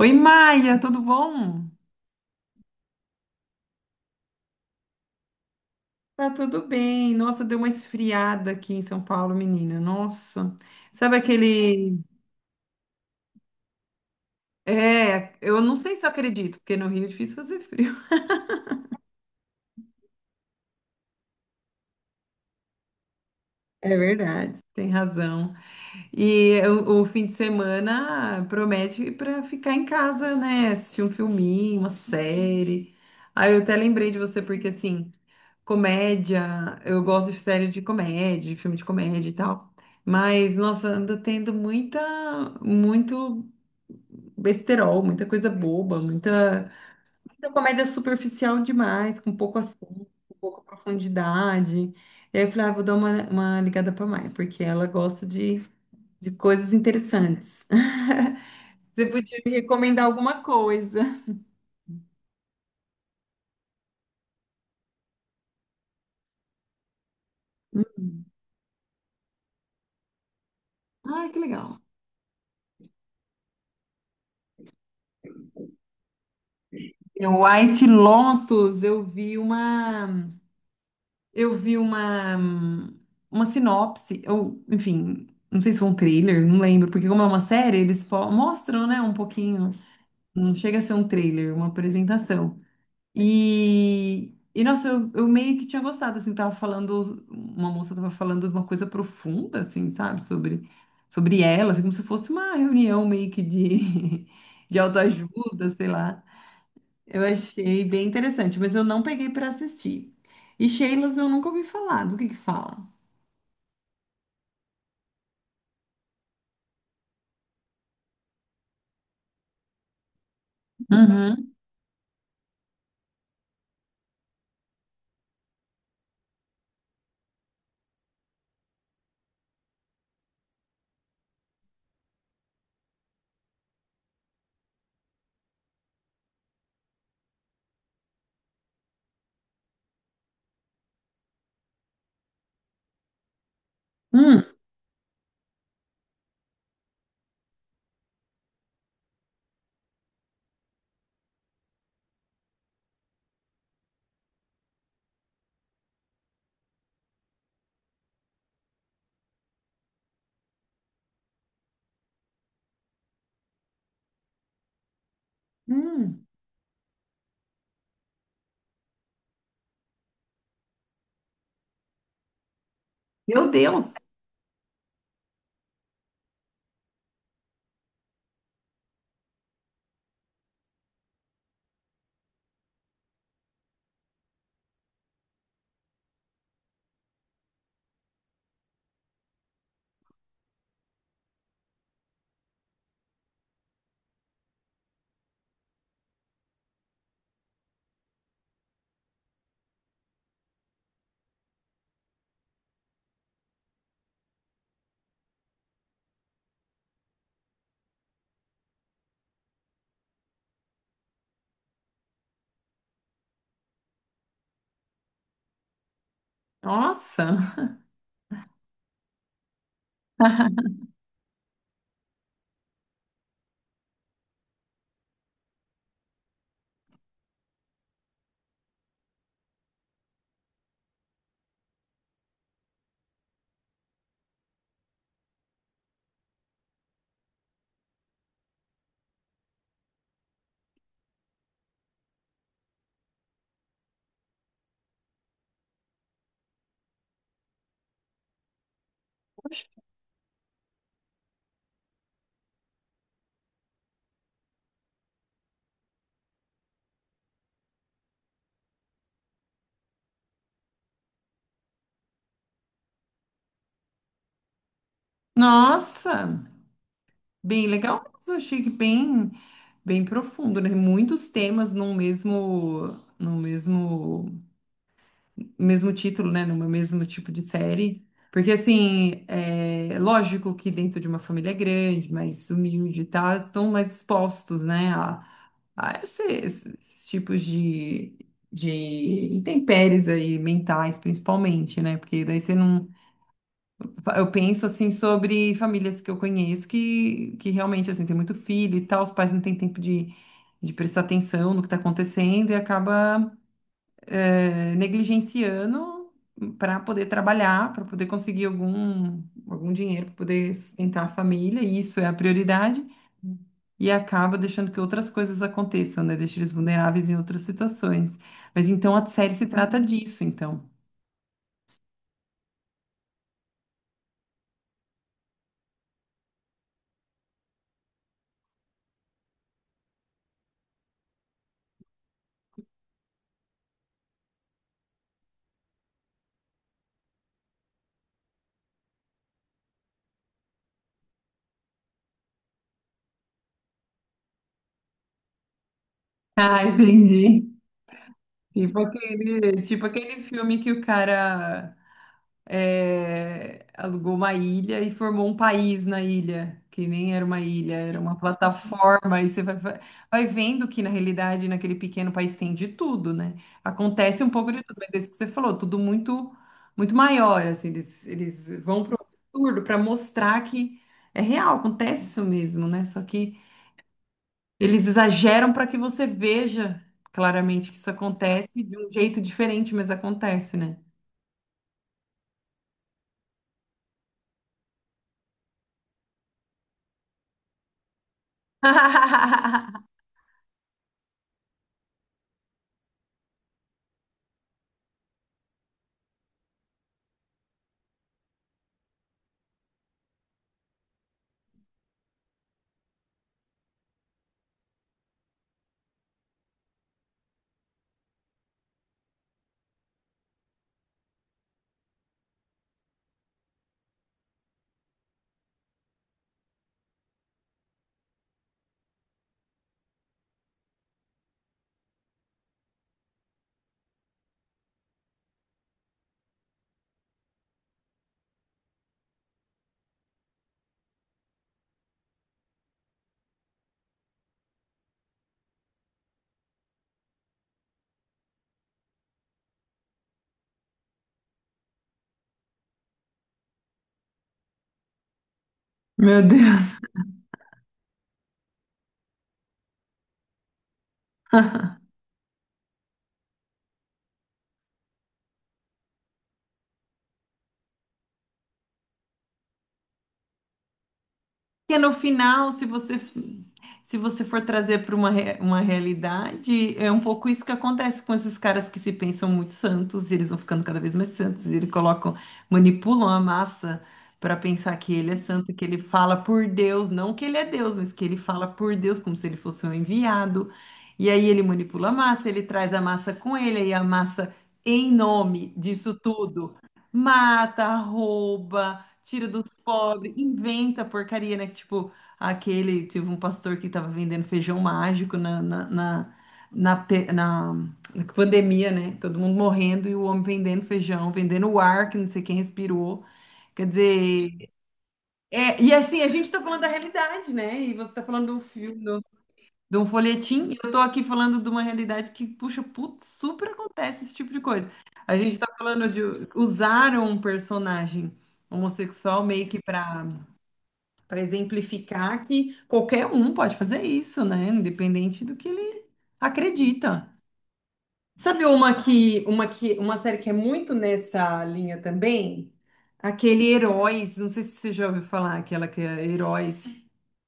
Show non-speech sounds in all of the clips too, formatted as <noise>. Oi, Maia, tudo bom? Tá tudo bem. Nossa, deu uma esfriada aqui em São Paulo, menina. Nossa. Sabe aquele. É, eu não sei se eu acredito, porque no Rio é difícil fazer frio. <laughs> É verdade. Tem razão. E o fim de semana promete para ficar em casa, né? Assistir um filminho, uma série. Aí eu até lembrei de você, porque assim. Comédia, eu gosto de série de comédia, de filme de comédia e tal. Mas, nossa, anda tendo muita, muito besterol, muita coisa boba, muita, comédia superficial demais, com pouco assunto, com pouca profundidade. E aí eu falei, ah, vou dar uma ligada pra Mai, porque ela gosta de coisas interessantes. <laughs> Você podia me recomendar alguma coisa? Ai, que legal. O White Lotus, eu vi uma. Eu vi uma, uma sinopse, ou, enfim, não sei se foi um trailer, não lembro, porque como é uma série, eles mostram, né, um pouquinho, não chega a ser um trailer, uma apresentação. E nossa, eu meio que tinha gostado, assim, tava falando, uma moça tava falando de uma coisa profunda, assim, sabe, sobre, ela, assim, como se fosse uma reunião meio que de, <laughs> de autoajuda, sei lá. Eu achei bem interessante, mas eu não peguei para assistir. E Sheilas eu nunca ouvi falar. Do que fala? Uhum. Hum. Hum, Meu Deus! Nossa! Nossa! Bem legal mesmo. Achei que bem profundo, né? Muitos temas no mesmo título, né? No mesmo tipo de série. Porque, assim, é lógico que dentro de uma família grande, mais humilde e tal, estão mais expostos, né? A esses, tipos de intempéries aí, mentais, principalmente, né? Porque daí você não. Eu penso assim sobre famílias que eu conheço que realmente assim, tem muito filho e tal, os pais não têm tempo de prestar atenção no que está acontecendo e acaba negligenciando para poder trabalhar, para poder conseguir algum dinheiro, para poder sustentar a família, e isso é a prioridade, e acaba deixando que outras coisas aconteçam, né? Deixa eles vulneráveis em outras situações. Mas então a série se trata disso, então. Ah, entendi. Tipo aquele filme que o cara alugou uma ilha e formou um país na ilha, que nem era uma ilha, era uma plataforma. E você vai vendo que, na realidade, naquele pequeno país tem de tudo, né? Acontece um pouco de tudo, mas é isso que você falou, tudo muito, muito maior, assim, eles vão pro absurdo para mostrar que é real, acontece isso mesmo, né? Só que eles exageram para que você veja claramente que isso acontece de um jeito diferente, mas acontece, né? <laughs> Meu Deus. Porque no final, se você for trazer para uma realidade, é um pouco isso que acontece com esses caras que se pensam muito santos, e eles vão ficando cada vez mais santos, e eles colocam, manipulam a massa para pensar que ele é santo, que ele fala por Deus, não que ele é Deus, mas que ele fala por Deus como se ele fosse um enviado. E aí ele manipula a massa, ele traz a massa com ele, e a massa, em nome disso tudo, mata, rouba tira dos pobres, inventa porcaria, né? Que, tipo, aquele, teve um pastor que tava vendendo feijão mágico na, pe- na- na pandemia, né? Todo mundo morrendo e o homem vendendo feijão, vendendo o ar que não sei quem respirou. Quer dizer, é, e assim, a gente tá falando da realidade, né? E você tá falando do filme, de um folhetim, e eu tô aqui falando de uma realidade que, puxa, putz, super acontece esse tipo de coisa. A gente tá falando de usar um personagem homossexual meio que para exemplificar que qualquer um pode fazer isso, né? Independente do que ele acredita. Sabe uma série que é muito nessa linha também? Aquele Heróis, não sei se você já ouviu falar, aquela que é Heróis.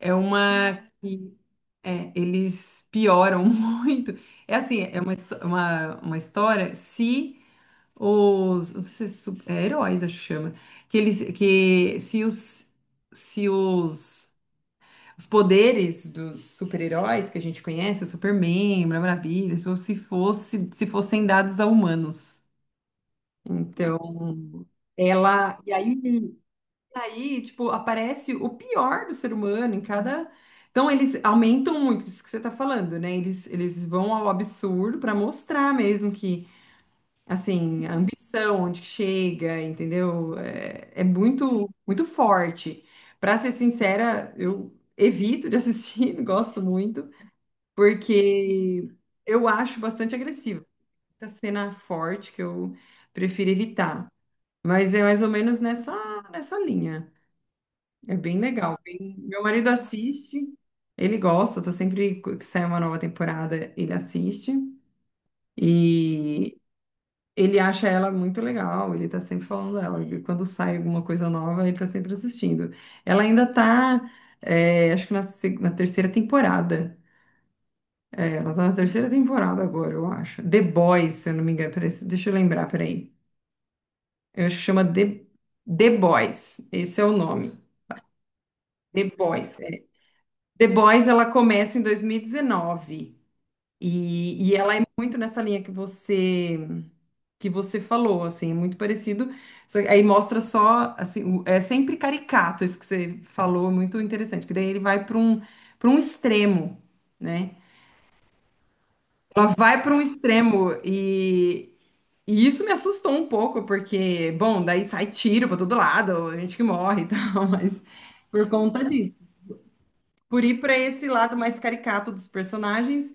É uma que é, eles pioram <laughs> muito. É assim, é uma, uma história se os, não sei se é, é heróis, acho que chama, que eles que se os se os os poderes dos super-heróis que a gente conhece, o Superman, Mulher Maravilha, tipo, se fossem dados a humanos. Então, ela. E aí, tipo, aparece o pior do ser humano em cada. Então, eles, aumentam muito isso que você está falando, né? eles vão ao absurdo para mostrar mesmo que. Assim, a ambição, onde que chega, entendeu? É muito, muito forte. Pra ser sincera, eu evito de assistir, <laughs> não gosto muito, porque eu acho bastante agressivo. Muita cena forte que eu prefiro evitar. Mas é mais ou menos nessa linha. É bem legal. Meu marido assiste, ele gosta, tá sempre que sai uma nova temporada, ele assiste. E ele acha ela muito legal, ele tá sempre falando dela. E quando sai alguma coisa nova, ele tá sempre assistindo. Ela ainda tá, acho que na terceira temporada. É, ela tá na terceira temporada agora, eu acho. The Boys, se eu não me engano. Peraí, deixa eu lembrar, peraí. Eu acho que chama The, The Boys. Esse é o nome. The Boys. É. The Boys, ela começa em 2019. E ela é muito nessa linha que você falou, assim, é muito parecido. Só que aí mostra só, assim, é sempre caricato isso que você falou, muito interessante, que daí ele vai para um extremo, né? Ela vai para um extremo e isso me assustou um pouco, porque, bom, daí sai tiro para todo lado, a gente que morre e tal, <laughs> mas por conta disso. Por ir para esse lado mais caricato dos personagens.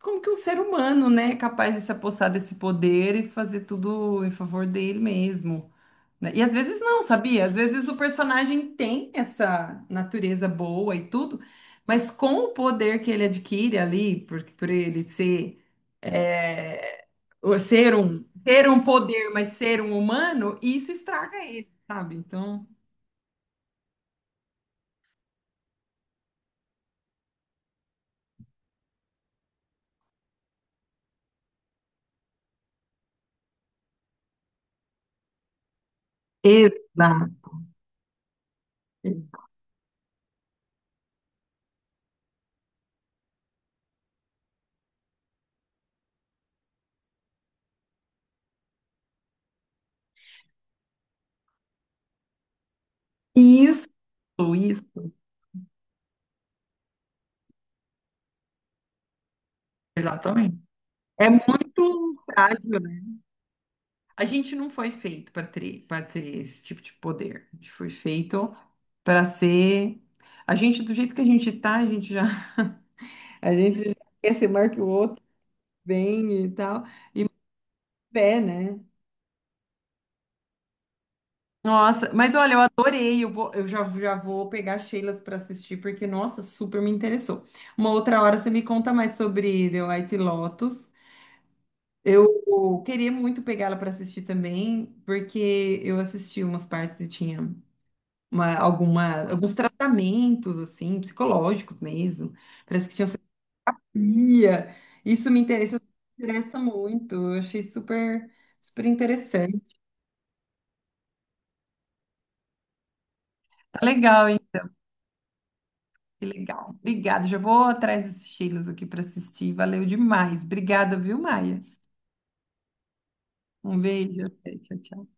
Como que um ser humano, né, é capaz de se apossar desse poder e fazer tudo em favor dele mesmo, né? E às vezes não, sabia? Às vezes o personagem tem essa natureza boa e tudo, mas com o poder que ele adquire ali, por ele ser, é, ter um poder, mas ser um humano, isso estraga ele, sabe? Então, exato. Isso, isso, exatamente. É muito frágil. A gente não foi feito para ter esse tipo de poder. A gente foi feito para ser. A gente, do jeito que a gente tá, a gente já, <laughs> a gente já quer ser maior que o outro, bem e tal. E pé, né? Nossa, mas olha, eu adorei. Eu já vou pegar Sheilas para assistir, porque, nossa, super me interessou. Uma outra hora você me conta mais sobre The White Lotus. Eu queria muito pegá-la para assistir também, porque eu assisti umas partes e tinha. Alguns tratamentos, assim, psicológicos mesmo. Parece que tinha terapia. Isso me interessa muito. Eu achei super, super interessante. Tá legal, hein? Que legal. Obrigada. Já vou atrás desses estilos aqui para assistir. Valeu demais. Obrigada, viu, Maia? Um beijo. Tchau, tchau.